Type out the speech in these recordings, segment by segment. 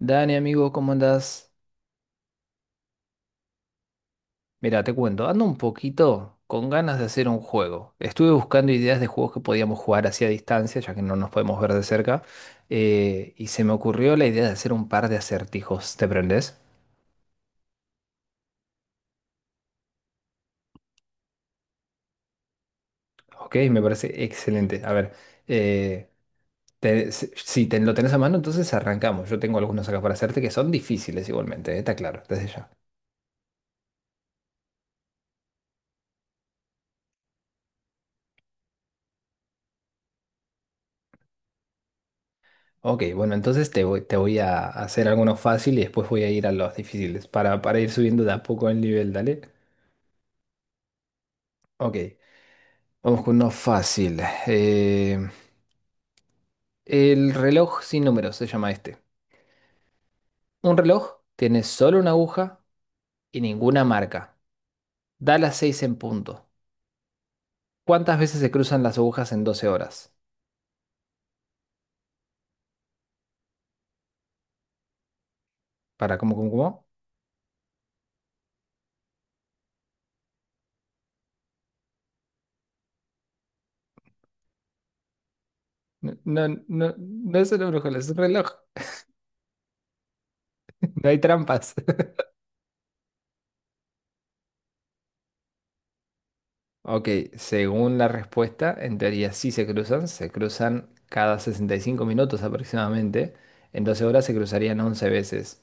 Dani, amigo, ¿cómo andás? Mira, te cuento, ando un poquito con ganas de hacer un juego. Estuve buscando ideas de juegos que podíamos jugar hacia distancia, ya que no nos podemos ver de cerca, y se me ocurrió la idea de hacer un par de acertijos. ¿Te prendés? Ok, me parece excelente. A ver, eh, te- si si te, lo tenés a mano, entonces arrancamos. Yo tengo algunos acá para hacerte que son difíciles igualmente, está claro, desde ya. Ok, bueno, entonces te voy a hacer algunos fáciles y después voy a ir a los difíciles para ir subiendo de a poco el nivel, dale. Ok, vamos con uno fácil. Eh, el reloj sin números se llama este. Un reloj tiene solo una aguja y ninguna marca. Da las 6 en punto. ¿Cuántas veces se cruzan las agujas en 12 horas? Para, ¿cómo? No, no, no, no es una brújula, es un reloj. No hay trampas. Ok, según la respuesta, en teoría sí se cruzan cada 65 minutos aproximadamente, en 12 horas se cruzarían 11 veces.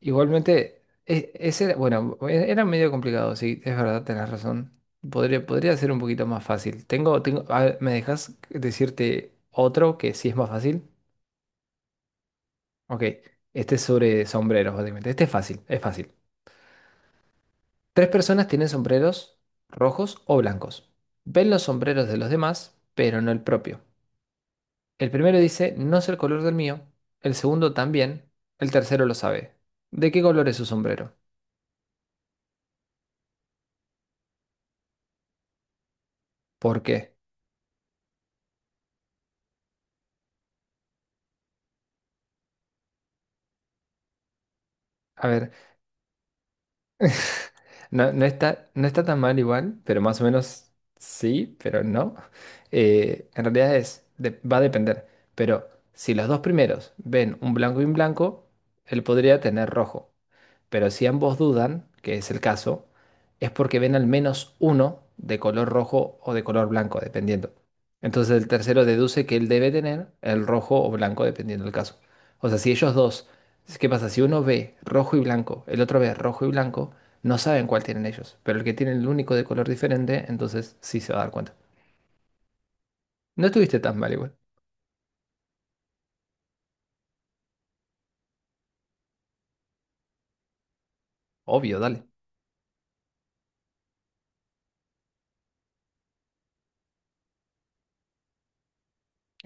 Igualmente, bueno, era medio complicado, sí, es verdad, tenés razón. Podría ser un poquito más fácil. A ver, ¿me dejas decirte otro que sí es más fácil? Ok, este es sobre sombreros, básicamente. Este es fácil, es fácil. Tres personas tienen sombreros rojos o blancos. Ven los sombreros de los demás, pero no el propio. El primero dice, no sé el color del mío. El segundo también. El tercero lo sabe. ¿De qué color es su sombrero? ¿Por qué? A ver. No, no está tan mal igual, pero más o menos sí, pero no. En realidad es, va a depender. Pero si los dos primeros ven un blanco y un blanco, él podría tener rojo. Pero si ambos dudan, que es el caso, es porque ven al menos uno de color rojo o de color blanco, dependiendo. Entonces el tercero deduce que él debe tener el rojo o blanco, dependiendo del caso. O sea, si ellos dos, ¿qué pasa? Si uno ve rojo y blanco, el otro ve rojo y blanco. No saben cuál tienen ellos, pero el que tiene el único de color diferente, entonces sí se va a dar cuenta. No estuviste tan mal igual. Obvio, dale.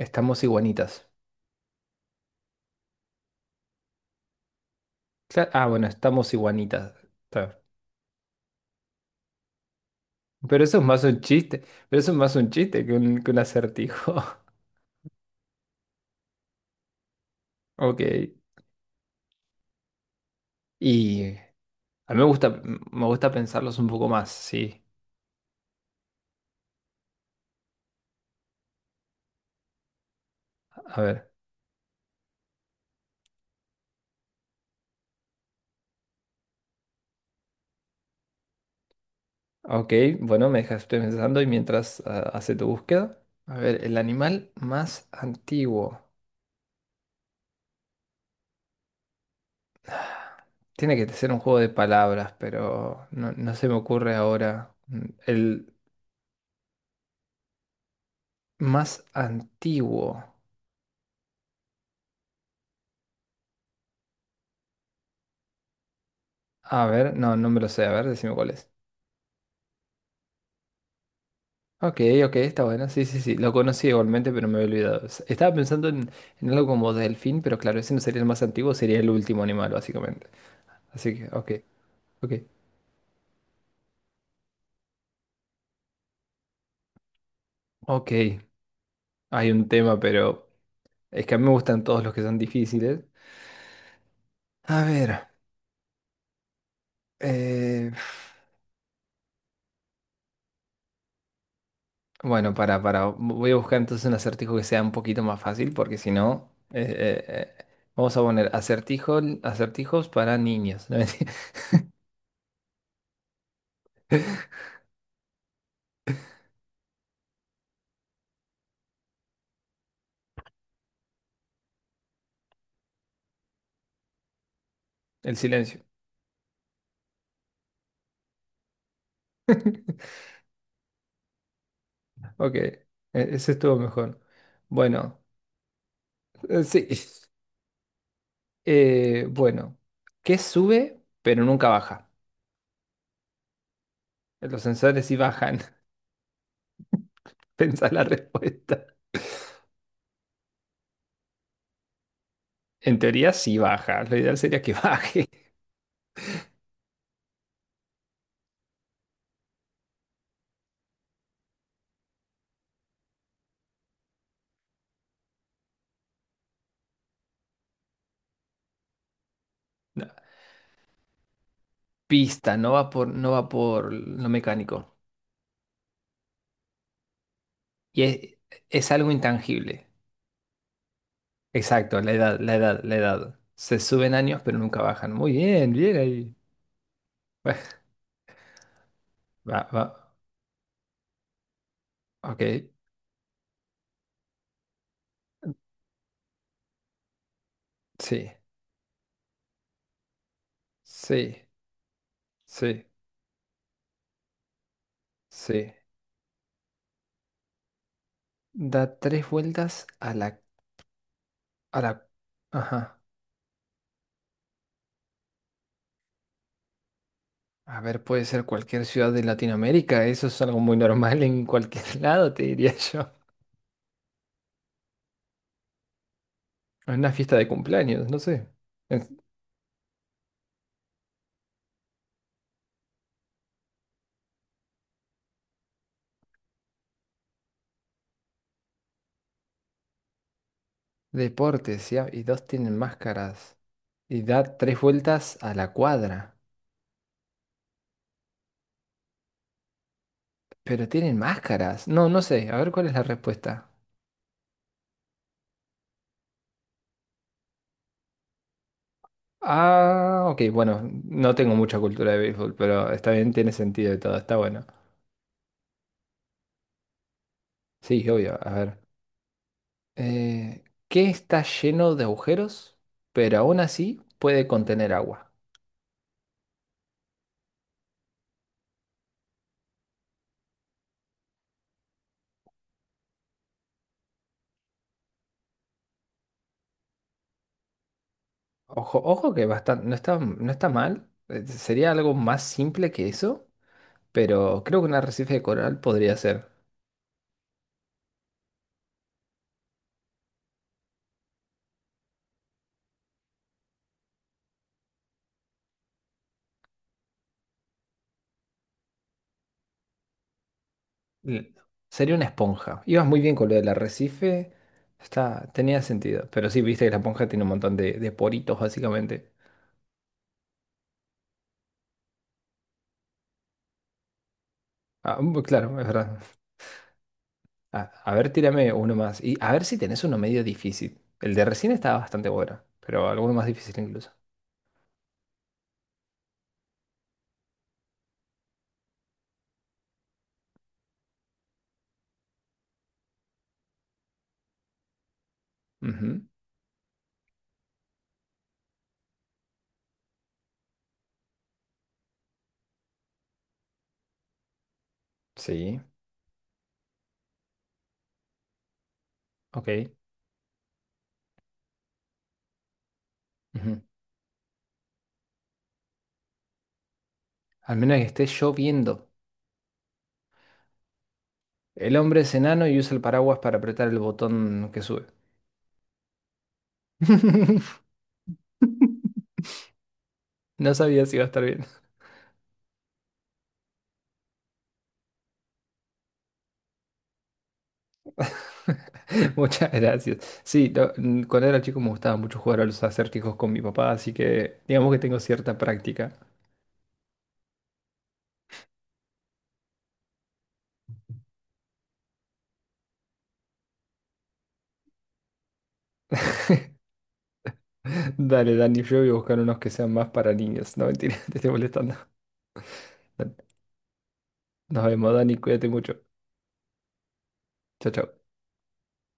Estamos iguanitas. Ah, bueno, estamos iguanitas. Está bien. Pero eso es más un chiste. Pero eso es más un chiste que un acertijo. Ok. Y a mí me gusta pensarlos un poco más, sí. A ver. Ok, bueno, me dejaste pensando y mientras hace tu búsqueda. A ver, el animal más antiguo. Tiene que ser un juego de palabras, pero no se me ocurre ahora. El más antiguo. A ver, no me lo sé. A ver, decime cuál es. Ok, ok, está bueno. Sí, sí, sí. Lo conocí igualmente, pero me había olvidado. Estaba pensando en algo como delfín, pero claro, ese no sería el más antiguo, sería el último animal, básicamente. Así que, ok, ok. Ok, hay un tema, pero es que a mí me gustan todos los que son difíciles. A ver, eh, bueno, voy a buscar entonces un acertijo que sea un poquito más fácil, porque si no, eh, eh, vamos a poner acertijos para niños. ¿no? El silencio. Ok, ese estuvo mejor. Bueno, sí. Eh, bueno, ¿qué sube pero nunca baja? Los sensores sí bajan. Pensá la respuesta. En teoría sí baja. Lo ideal sería que baje. No, pista, no va por lo mecánico. Y es algo intangible. Exacto, la edad, la edad, la edad. Se suben años, pero nunca bajan. Muy bien, bien ahí. Va, va. Ok. Sí, sí, sí, sí. Da tres vueltas a la, a la. Ajá. A ver, puede ser cualquier ciudad de Latinoamérica. Eso es algo muy normal en cualquier lado, te diría yo. En una fiesta de cumpleaños, no sé. Es- Deportes, ¿ya? Y dos tienen máscaras. Y da tres vueltas a la cuadra. Pero tienen máscaras. No, no sé. A ver cuál es la respuesta. Ah, ok. Bueno, no tengo mucha cultura de béisbol, pero está bien, tiene sentido y todo. Está bueno. Sí, obvio. A ver. ¿Qué está lleno de agujeros, pero aún así puede contener agua? Ojo, ojo que bastante, no está mal. Sería algo más simple que eso, pero creo que un arrecife de coral podría ser. L- Sería una esponja. Ibas muy bien con lo del arrecife. Tenía sentido. Pero sí, viste que la esponja tiene un montón de poritos, básicamente. Ah, claro, es verdad. A, a ver, tírame uno más. Y a ver si tenés uno medio difícil. El de recién estaba bastante bueno, pero alguno más difícil incluso. Ujú, sí, ok. Ujú. Al menos que esté lloviendo. El hombre es enano y usa el paraguas para apretar el botón que sube. No sabía si iba a estar bien. Muchas gracias. Sí, cuando era chico me gustaba mucho jugar a los acertijos con mi papá, así que digamos que tengo cierta práctica. Dale, Dani, yo voy a buscar unos que sean más para niños. No, mentira, te estoy molestando. Nos vemos, Dani, cuídate mucho. Chao, chao.